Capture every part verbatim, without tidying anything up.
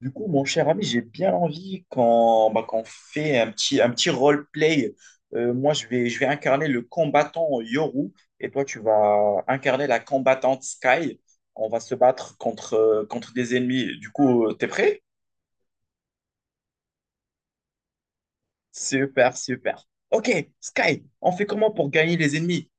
Du coup, mon cher ami, j'ai bien envie qu'on bah, qu'on fait un petit, un petit roleplay. Euh, moi, je vais, je vais incarner le combattant Yoru et toi, tu vas incarner la combattante Sky. On va se battre contre, euh, contre des ennemis. Du coup, euh, t'es prêt? Super, super. Ok, Sky, on fait comment pour gagner les ennemis?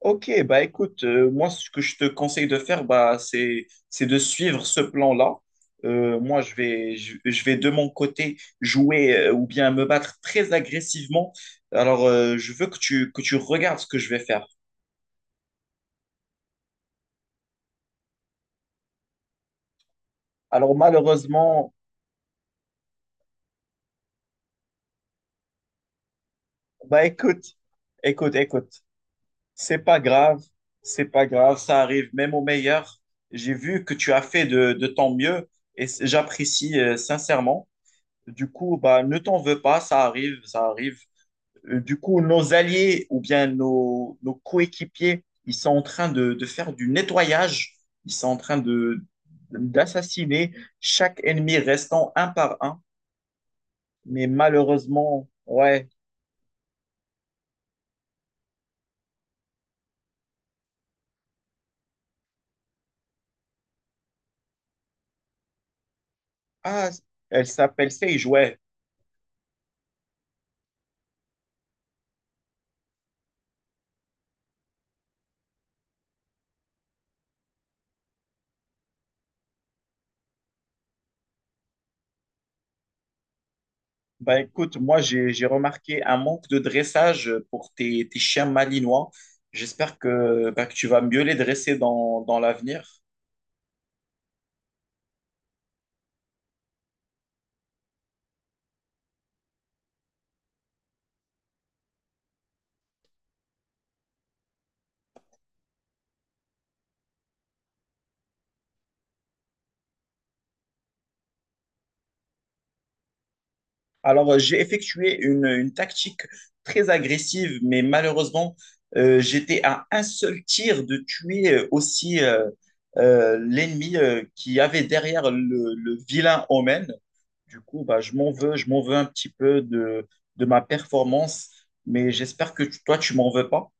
Ok, bah écoute, euh, moi ce que je te conseille de faire, bah c'est c'est de suivre ce plan-là. Euh, moi je vais je, je vais de mon côté jouer euh, ou bien me battre très agressivement. Alors euh, je veux que tu que tu regardes ce que je vais faire. Alors malheureusement, bah écoute, écoute, écoute, c'est pas grave, c'est pas grave, ça arrive même au meilleur. J'ai vu que tu as fait de de ton mieux et c- j'apprécie, euh, sincèrement. Du coup, bah ne t'en veux pas, ça arrive, ça arrive. Euh, du coup, nos alliés ou bien nos, nos coéquipiers, ils sont en train de, de faire du nettoyage, ils sont en train de d'assassiner chaque ennemi restant un par un. Mais malheureusement, ouais. Ah, elle s'appelle Sage, ouais. Bah écoute, moi j'ai j'ai remarqué un manque de dressage pour tes, tes chiens malinois. J'espère que, bah, que tu vas mieux les dresser dans, dans l'avenir. Alors, euh, j'ai effectué une, une tactique très agressive, mais malheureusement, euh, j'étais à un seul tir de tuer euh, aussi euh, euh, l'ennemi euh, qui avait derrière le, le vilain Omen. Du coup, bah, je m'en veux, je m'en veux un petit peu de, de ma performance, mais j'espère que tu- toi, tu m'en veux pas.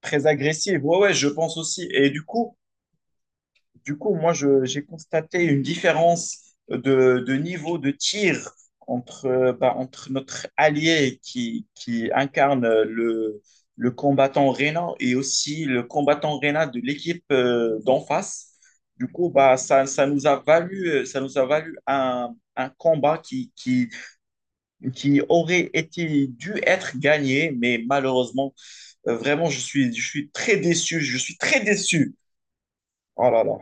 Très agressive, ouais, ouais, je pense aussi. Et du coup, du coup, moi, je- j'ai constaté une différence de, de niveau de tir entre, euh, bah, entre notre allié qui, qui incarne le, le combattant Rena et aussi le combattant Rena de l'équipe euh, d'en face. Du coup, bah, ça, ça nous a valu, ça nous a valu un, un combat qui, qui, qui aurait été dû être gagné, mais malheureusement, euh, vraiment, je suis, je suis très déçu. Je suis très déçu. Oh là là.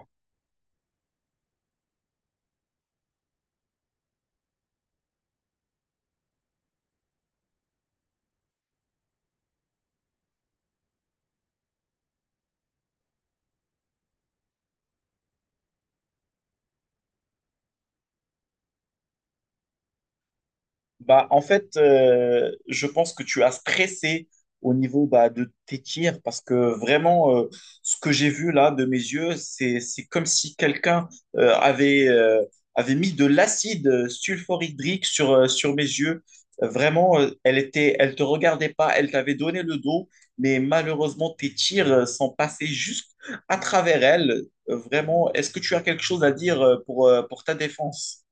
Bah, en fait, euh, je pense que tu as stressé au niveau bah, de tes tirs parce que vraiment, euh, ce que j'ai vu là de mes yeux, c'est, c'est comme si quelqu'un euh, avait, euh, avait mis de l'acide sulfurhydrique sur, euh, sur mes yeux. Euh, Vraiment, euh, elle était, elle te regardait pas, elle t'avait donné le dos, mais malheureusement, tes tirs euh, sont passés juste à travers elle. Euh, Vraiment, est-ce que tu as quelque chose à dire, euh, pour, euh, pour ta défense?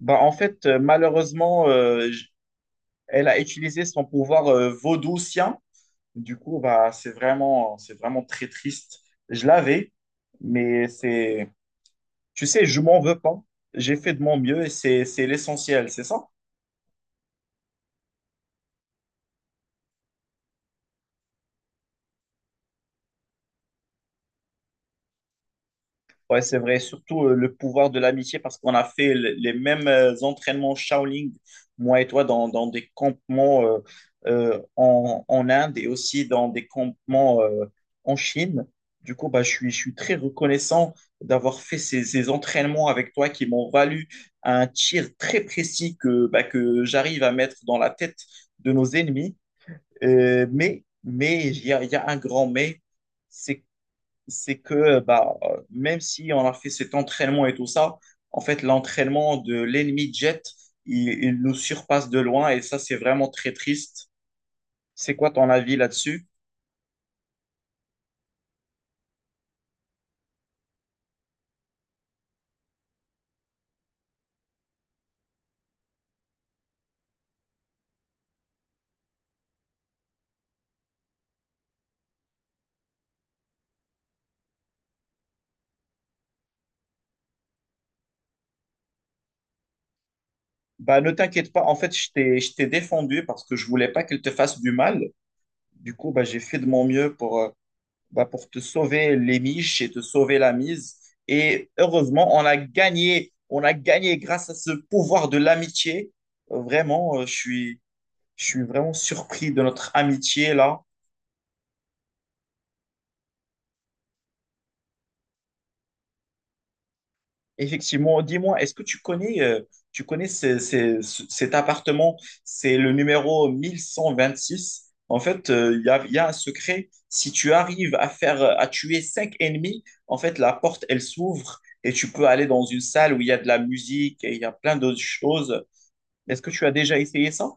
Bah, en fait, euh, malheureusement, euh, elle a utilisé son pouvoir, euh, vaudoucien. Du coup, bah, c'est vraiment, c'est vraiment très triste. Je l'avais, mais c'est, tu sais, je m'en veux pas. J'ai fait de mon mieux et c'est, c'est l'essentiel, c'est ça? Ouais, c'est vrai, surtout euh, le pouvoir de l'amitié, parce qu'on a fait le- les mêmes euh, entraînements Shaolin, moi et toi, dans, dans des campements euh, euh, en, en Inde et aussi dans des campements euh, en Chine. Du coup, bah, je suis, je suis très reconnaissant d'avoir fait ces, ces entraînements avec toi qui m'ont valu un tir très précis que, bah, que j'arrive à mettre dans la tête de nos ennemis. Euh, mais mais il y a, il y a un grand mais, c'est c'est que bah, euh, même si on a fait cet entraînement et tout ça, en fait, l'entraînement de l'ennemi Jet, il, il nous surpasse de loin et ça, c'est vraiment très triste. C'est quoi ton avis là-dessus? Bah, ne t'inquiète pas, en fait, je t'ai, je t'ai défendu parce que je voulais pas qu'elle te fasse du mal. Du coup, bah, j'ai fait de mon mieux pour, euh, bah, pour te sauver les miches et te sauver la mise. Et heureusement, on a gagné. On a gagné grâce à ce pouvoir de l'amitié. Euh, Vraiment, euh, je suis, je suis vraiment surpris de notre amitié là. Effectivement, dis-moi, est-ce que tu connais, euh, tu connais ce- ce- ce- cet appartement? C'est le numéro onze vingt-six. En fait, euh, il y a, il y a un secret. Si tu arrives à faire, euh, à tuer cinq ennemis, en fait, la porte, elle s'ouvre et tu peux aller dans une salle où il y a de la musique et il y a plein d'autres choses. Est-ce que tu as déjà essayé ça?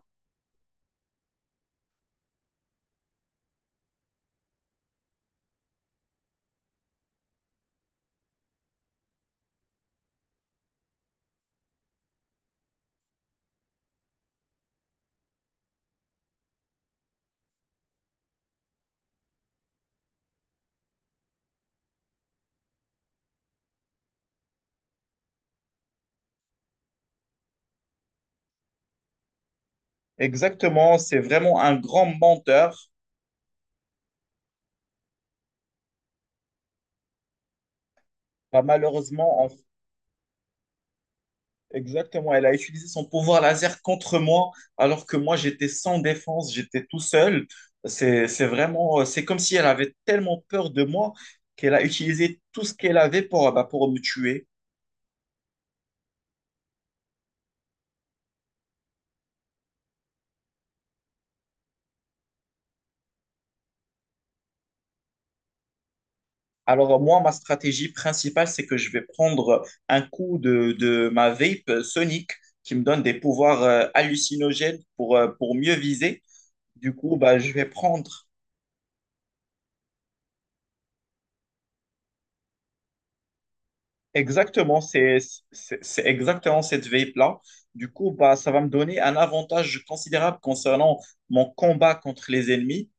Exactement, c'est vraiment un grand menteur. Bah, malheureusement, exactement, elle a utilisé son pouvoir laser contre moi, alors que moi j'étais sans défense, j'étais tout seul. C'est, c'est vraiment, euh, c'est comme si elle avait tellement peur de moi qu'elle a utilisé tout ce qu'elle avait pour, euh, bah, pour me tuer. Alors euh, moi, ma stratégie principale, c'est que je vais prendre euh, un coup de, de ma vape euh, Sonic qui me donne des pouvoirs euh, hallucinogènes pour, euh, pour mieux viser. Du coup, bah, je vais prendre exactement, c'est c'est- c'est exactement cette vape-là. Du coup, bah, ça va me donner un avantage considérable concernant mon combat contre les ennemis.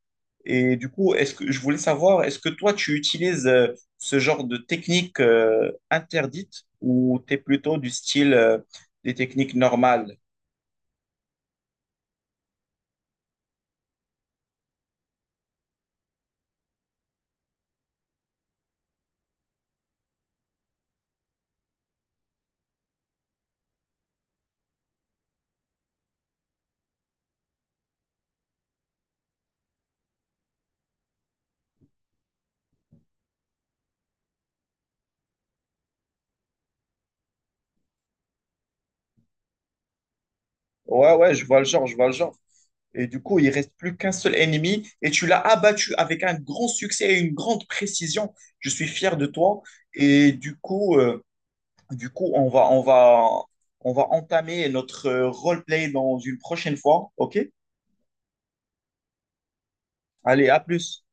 Et du coup, est-ce que je voulais savoir, est-ce que toi, tu utilises, euh, ce genre de technique euh, interdite ou tu es plutôt du style euh, des techniques normales? Ouais, ouais, je vois le genre, je vois le genre. Et du coup, il reste plus qu'un seul ennemi et tu l'as abattu avec un grand succès et une grande précision. Je suis fier de toi. Et du coup, euh, Du coup, on va, on va, on va entamer notre euh, roleplay dans une prochaine fois. OK? Allez, à plus.